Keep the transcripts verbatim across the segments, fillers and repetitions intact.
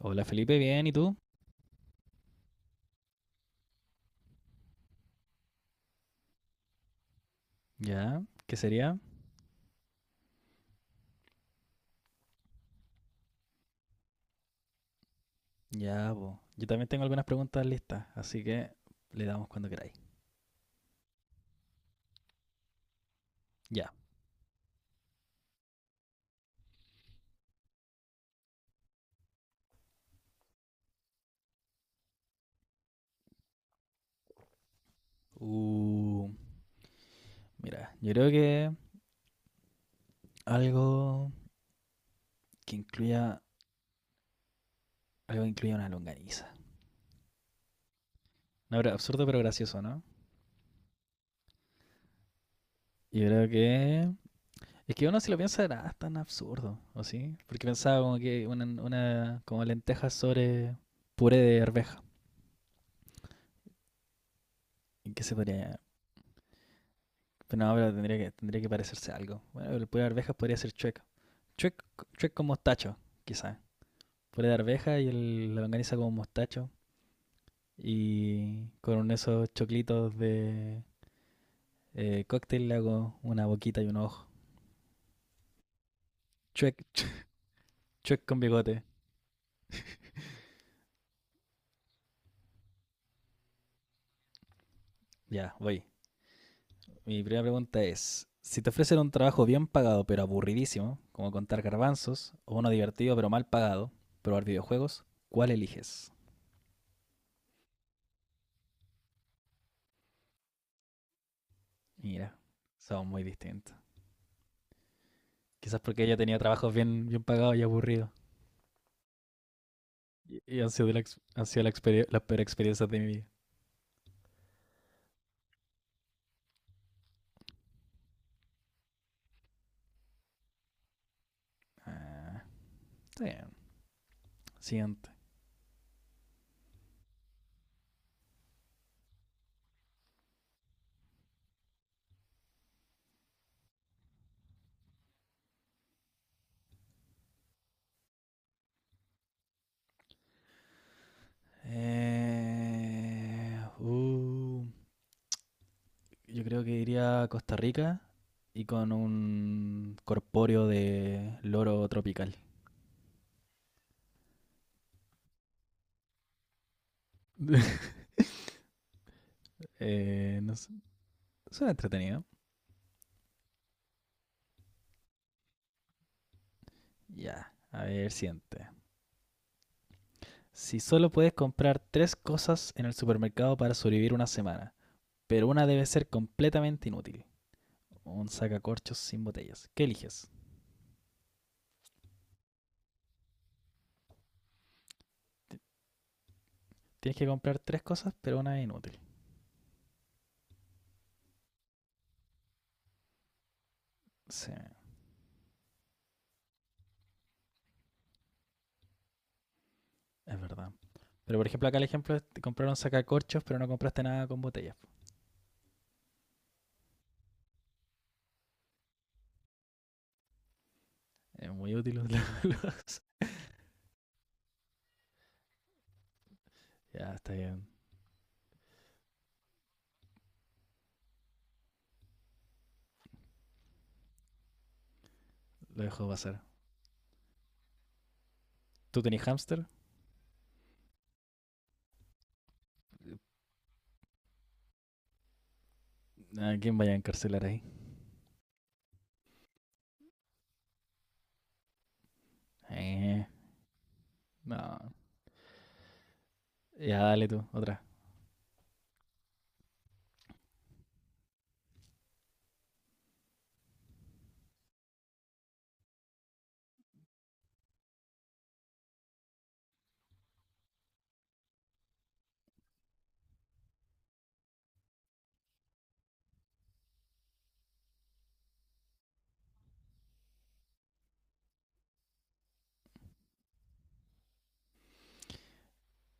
Hola Felipe, bien, ¿y tú? Ya, ¿qué sería? Ya, po. Yo también tengo algunas preguntas listas, así que le damos cuando queráis. Ya. Uh, mira, yo creo que algo que incluya, algo que incluya una longaniza. No, pero absurdo pero gracioso, ¿no? Yo creo que... Es que uno si lo piensa era ah, tan absurdo, ¿o sí? Porque pensaba como que una, una como lentejas sobre puré de arveja. ¿En qué se podría...? Pero no, pero tendría que, tendría que parecerse a algo. Bueno, el puré de arvejas podría ser chueca. Chuec, chuec con mostacho, quizás. Puré de arveja y el, la longaniza con mostacho. Y con esos choclitos de eh, cóctel le hago una boquita y un ojo. Chuec, chuec con bigote. Ya, voy. Mi primera pregunta es, si te ofrecen un trabajo bien pagado pero aburridísimo, como contar garbanzos, o uno divertido pero mal pagado, probar videojuegos, ¿cuál eliges? Mira, son muy distintos. Quizás porque ella tenía trabajos bien, bien pagados y aburridos. Y, y ha sido la, ex- ha sido la, experie- la peor experiencia de mi vida. Está Siguiente. Eh, uh, yo creo que iría a Costa Rica y con un corpóreo de loro tropical. Eh, no sé, suena entretenido. Ya, yeah. A ver, siguiente. Si solo puedes comprar tres cosas en el supermercado para sobrevivir una semana, pero una debe ser completamente inútil. Un sacacorchos sin botellas. ¿Qué eliges? Tienes que comprar tres cosas, pero una es inútil. Sí, es verdad. Pero por ejemplo, acá el ejemplo es te compraron sacacorchos, pero no compraste nada con botellas. Es muy útil. Los- Ya, está bien. Lo dejo pasar. ¿Tú tenés hámster? ¿A quién vaya a encarcelar ahí? Eh, no. Ya, dale tú, otra.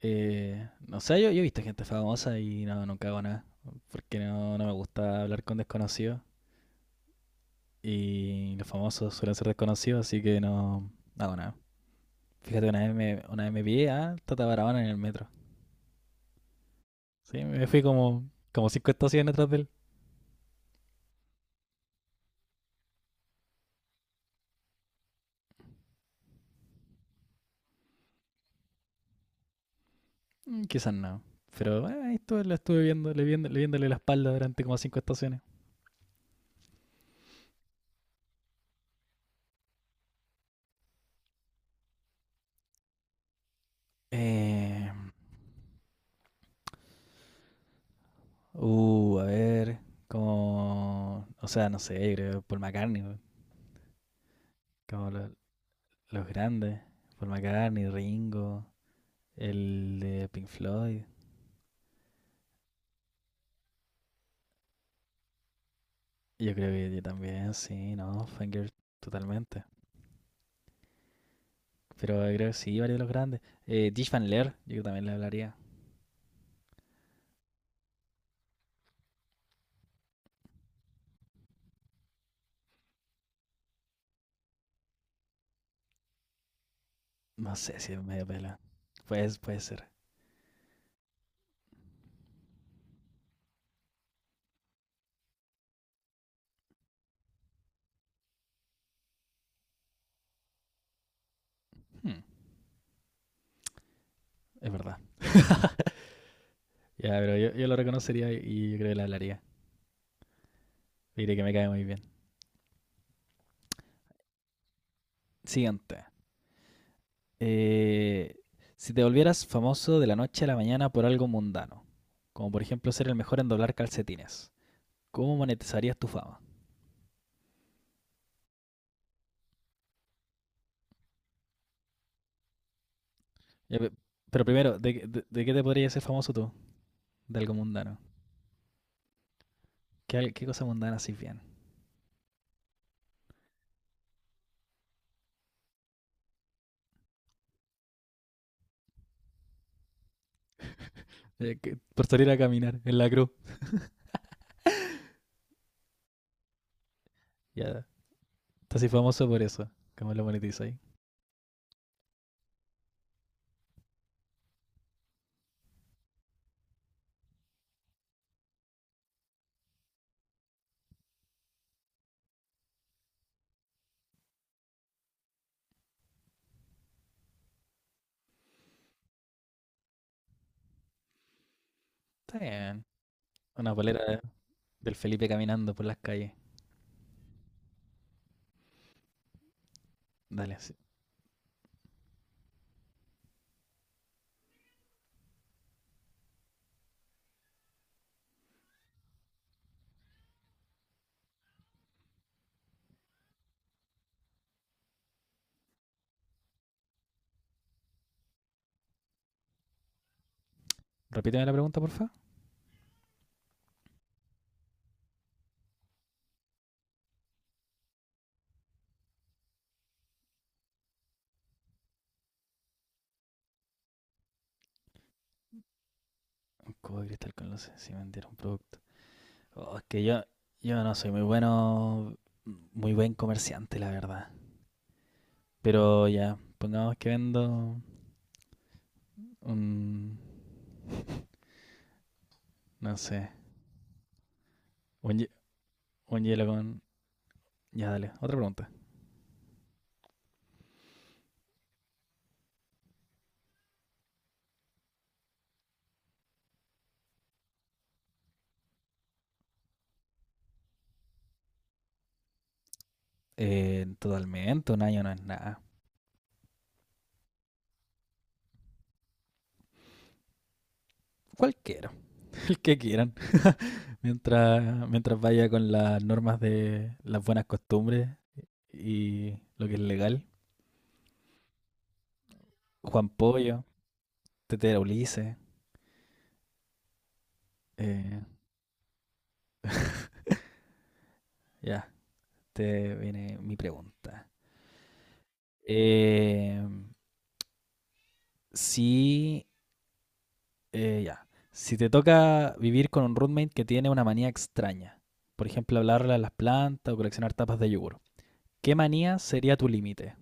Eh, no sé, yo, yo he visto gente famosa y no, nunca hago nada. Porque no, no me gusta hablar con desconocidos. Y los famosos suelen ser desconocidos, así que no no hago nada. Fíjate, una vez me, una vez me pillé a Tata Barahona en el metro. Sí, me fui como, como cinco estaciones atrás de él. Mm, quizás no. Pero eh, ahí estuve, lo estuve viendo, le viendo, le viéndole la espalda durante como cinco estaciones. Eh, uh, a ver, como, o sea, no sé, creo, Paul McCartney, weón. como lo- los grandes. Paul McCartney, Ringo, el de Pink Floyd. Yo creo que yo también, sí, no, Fangirl, totalmente. Pero creo que sí, varios de los grandes. Eh, Dish Van Leer, yo también le hablaría. No sé si es medio pela. Pues, puede ser. Hmm, es verdad. Ya, pero yo, yo lo reconocería y yo creo que la hablaría. Le diré que me cae muy bien. Siguiente. Eh, si te volvieras famoso de la noche a la mañana por algo mundano, como por ejemplo ser el mejor en doblar calcetines, ¿cómo monetizarías tu fama? Ya, pe- pero primero, ¿de, de, de qué te podrías ser famoso tú? De algo mundano. ¿Qué, al- ¿qué cosa mundana haces bien? Eh, que- por salir a caminar en la cruz. Ya, estás así famoso por eso. ¿Cómo lo monetizáis? Está bien. Una polera de- del Felipe caminando por las calles. Dale, sí. Repíteme la pregunta, porfa. Un cubo de cristal con luces, si vendiera un producto. Oh, es que yo, yo no soy muy bueno, muy buen comerciante, la verdad. Pero ya, pongamos que vendo un, no sé, un, hie- un hielo con... Ya, dale, otra pregunta. Eh, totalmente, un año no es nada. Cualquiera, el que quieran. Mientras, mientras vaya con las normas de las buenas costumbres y lo que es legal. Juan Pollo, Tetera Ulises. eh, ya, te viene mi pregunta. Eh, si, eh, ya, si te toca vivir con un roommate que tiene una manía extraña, por ejemplo, hablarle a las plantas o coleccionar tapas de yogur, ¿qué manía sería tu límite?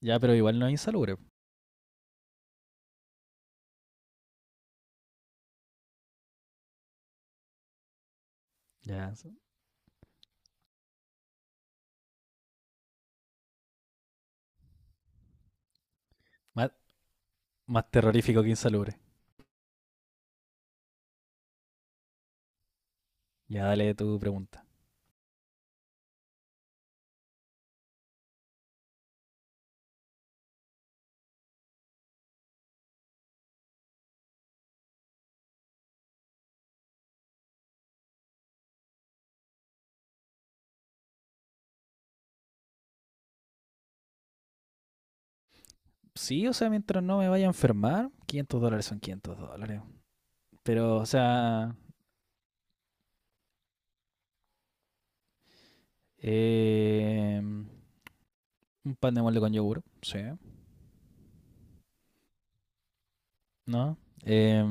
Ya, pero igual no es insalubre. Ya, más, más terrorífico que insalubre. Ya, dale tu pregunta. Sí, o sea, mientras no me vaya a enfermar, quinientos dólares son quinientos dólares. Pero, o sea... Eh, un pan de molde con yogur, sí. ¿No? Eh,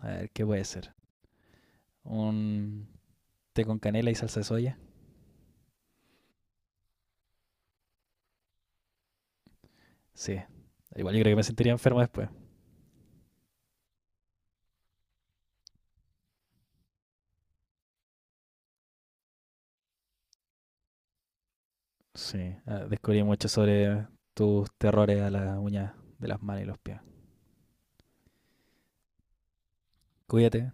a ver, ¿qué puede ser? Un té con canela y salsa de soya. Sí. Igual yo creo que me sentiría enfermo después. Sí. Ah, descubrí mucho sobre tus terrores a la uña de las manos y los pies. Cuídate,